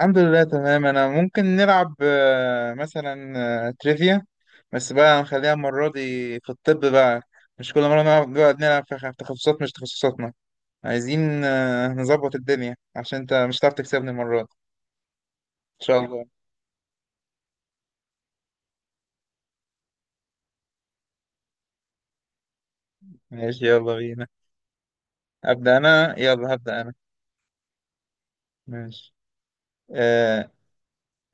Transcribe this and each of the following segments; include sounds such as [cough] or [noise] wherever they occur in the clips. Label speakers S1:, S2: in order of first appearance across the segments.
S1: الحمد لله، تمام. انا ممكن نلعب مثلا تريفيا. بس بقى نخليها المرة دي في الطب بقى. مش كل مرة نقعد نلعب في في تخصصات مش تخصصاتنا. عايزين نظبط الدنيا عشان انت مش هتعرف تكسبني المرة دي. ان شاء الله. ماشي، يلا بينا. ابدأ انا، يلا هبدأ انا. ماشي. آه،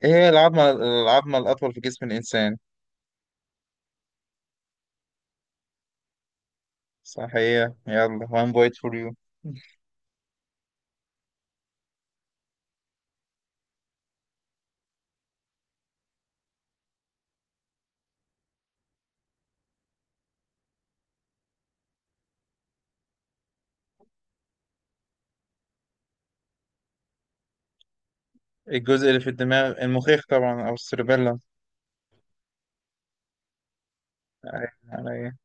S1: ايه هي العظمة الأطول في جسم الإنسان؟ صح، هي. يلا one point for you. [laughs] الجزء اللي في الدماغ المخيخ طبعا، أو السيربيلا. أيوة، عليا.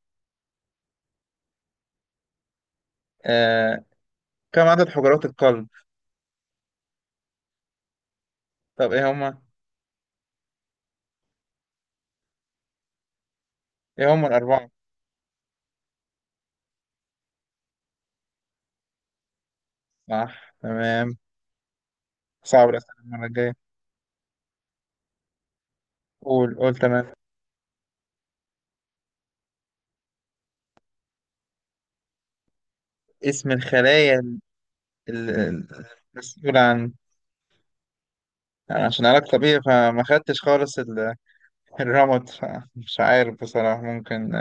S1: آه، كم عدد حجرات القلب؟ طب ايه هما؟ ايه هما الأربعة؟ صح، تمام. صعب الأسئلة المرة الجاية. قول، قول، تمام. اسم الخلايا ال- ال- المسؤولة عن، يعني عشان علاج طبيعي فما خدتش خالص الرمد، فمش عارف بصراحة. ممكن.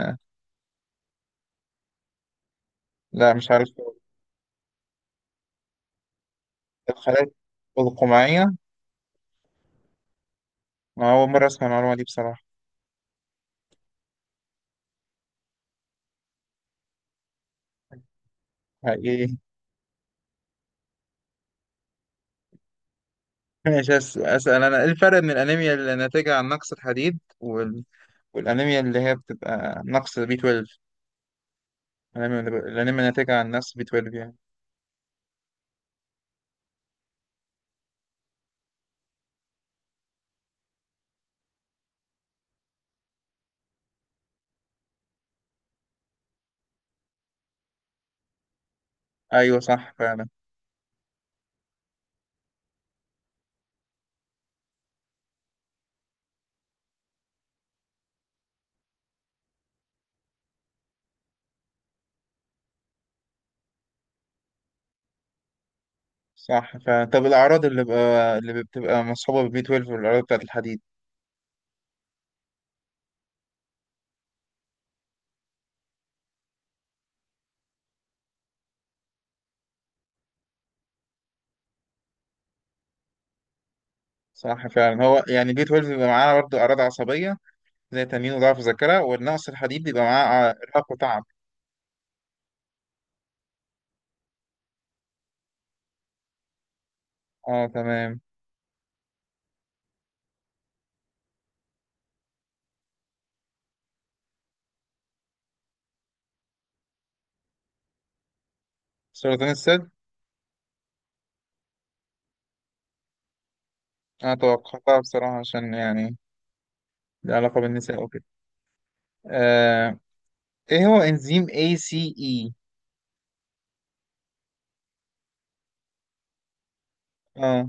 S1: لا، مش عارف. الخلايا القمعية. ما أول مرة أسمع المعلومة دي بصراحة. حقيقي. [laughs] ماشي، أسأل أنا. إيه الفرق بين الأنيميا اللي ناتجة عن نقص الحديد والأنيميا اللي هي بتبقى نقص بي 12؟ الأنيميا الأنيميا ناتجة عن نفس بي 12 يعني. أيوة، صح فعلا. صح فعلا. طب الأعراض اللي بتبقى مصحوبة بالبي 12، والأعراض بتاعة الحديد؟ صح فعلا. هو يعني البي 12 بيبقى معاه برضه أعراض عصبية زي تنين وضعف ذاكرة، والنقص الحديد بيبقى معاه إرهاق وتعب. اه، تمام. سرطان الثدي. أنا توقعتها بصراحة عشان يعني لها علاقة بالنساء وكده. آه. إيه هو إنزيم ACE؟ اه،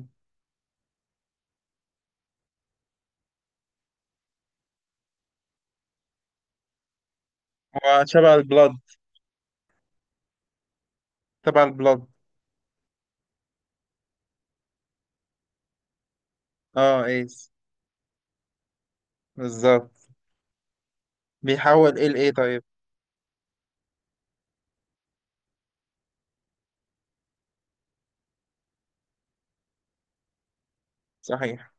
S1: هو شبه البلاد، تبع البلاد. اه، ايس، بالظبط. بيحول ال ايه طيب؟ صحيح،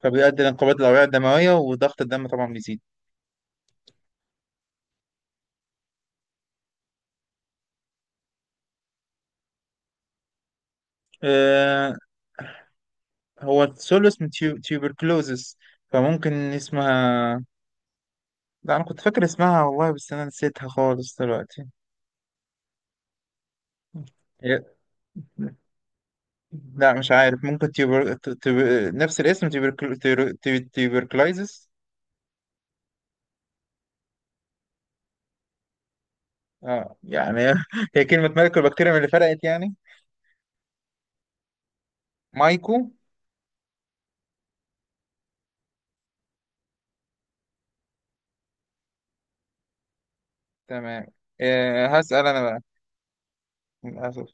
S1: فبيؤدي لانقباض الأوعية الدموية، وضغط الدم طبعا بيزيد. آه، هو السولوس من تيوبركلوزس، فممكن اسمها. لا، أنا كنت فاكر اسمها والله، بس أنا نسيتها خالص دلوقتي. هي- لا، مش عارف. ممكن نفس الاسم تيوبركلايزس. اه يعني. [laughs] هي كلمة ملك البكتيريا من اللي فرقت يعني. مايكو. تمام. آه، هسأل أنا بقى. للأسف.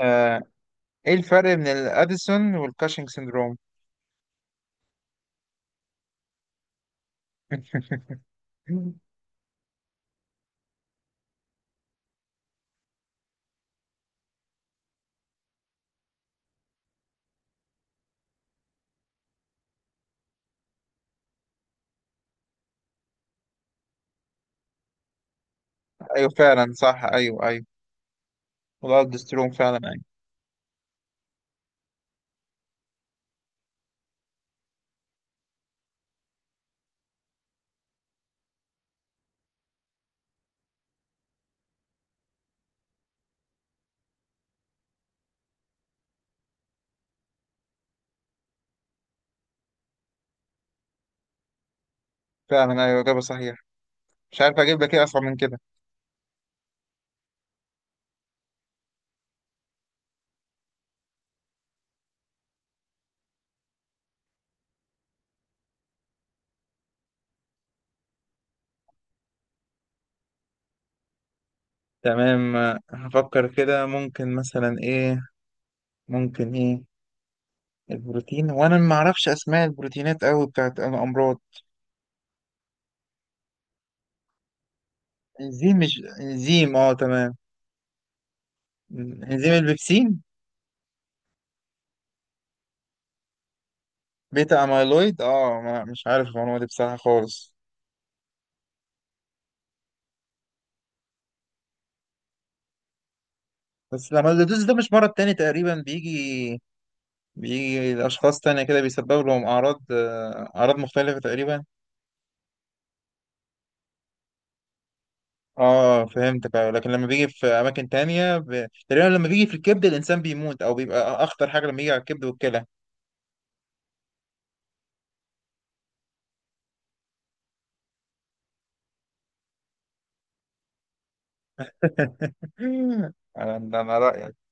S1: آه، إيه الفرق بين الأديسون والكاشنج سيندروم؟ [laughs] ايوه، فعلا، صح. ايوه، ايوه. والالدوستيرون، فعلا، ايوه. فعلا، ايوه، اجابه صحيحه. مش عارف اجيب لك ايه اصعب من كده. تمام. هفكر كده. ممكن مثلا ايه؟ ممكن ايه البروتين؟ وانا ما اعرفش اسماء البروتينات قوي بتاعت الامراض. انزيم مش انزيم؟ اه، تمام. انزيم البيبسين. بيتا اميلويد؟ اه، ما مش عارف المعلومه دي بصراحه خالص. بس الاميلودوز ده مش مرض تاني تقريبا بيجي؟ بيجي لاشخاص تانية كده، بيسبب لهم اعراض اعراض مختلفه تقريبا. اه، فهمتك، أيوة. لكن لما بيجي في اماكن تانية ب... تقريبا لما بيجي في الكبد الانسان بيموت، او بيبقى اخطر حاجة لما يجي على الكبد والكلى. [laughs] انا رايك.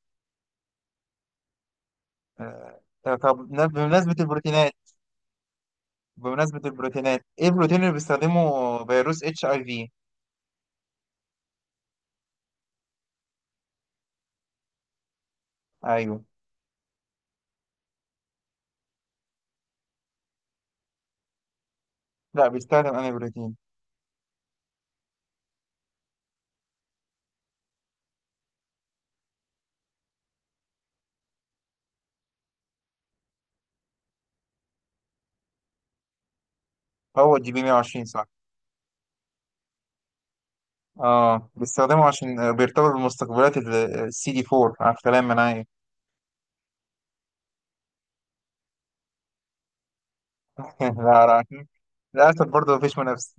S1: آه، طب بمناسبة البروتينات. بمناسبة البروتينات، ايه البروتين اللي بيستخدمه فيروس اتش اي في؟ ايوه. لا، بيستخدم انا بروتين. هو الجي بي 120، صح. اه، بيستخدمه عشان بيرتبط بمستقبلات السي دي 4 على كلام منايا. [laughs] لا. لا، للاسف برضه مفيش منافس.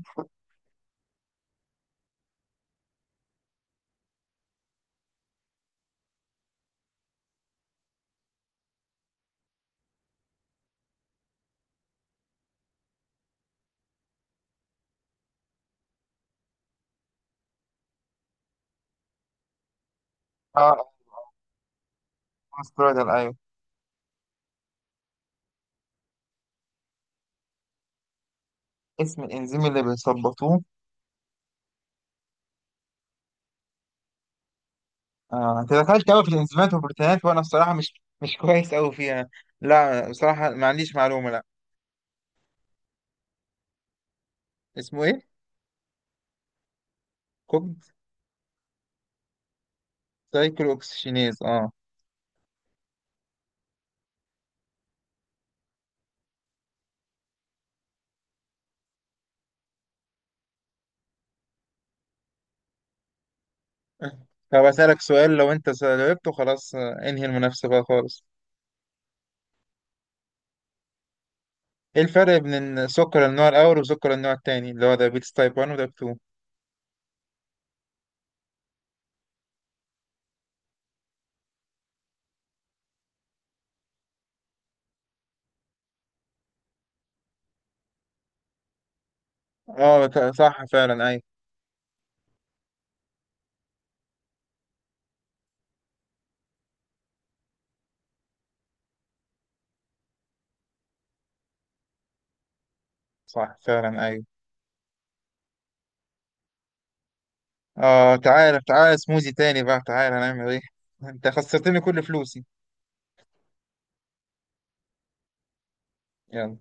S1: اه، استرويدال، ايوه. اسم الانزيم اللي بيظبطوه. انت دخلت قوي في الانزيمات والبروتينات، وانا الصراحه مش، مش [laughs] كويس قوي فيها. لا، بصراحه ما عنديش معلومه، لا. اسمه ايه؟ كوب. سايكل اوكسجينيز، اه. [laughs] طب اسالك سؤال، لو انت جاوبته خلاص انهي المنافسه بقى خالص. ايه الفرق بين السكر النوع الاول وسكر النوع الثاني اللي هو دايابيتس تايب 1 وتايب 2؟ اه، صح فعلا، ايوه. صح فعلا، ايوه. اه، تعالى تعالى سموزي تاني بقى، تعالى هنعمل ايه. [laughs] انت خسرتني كل فلوسي. يلا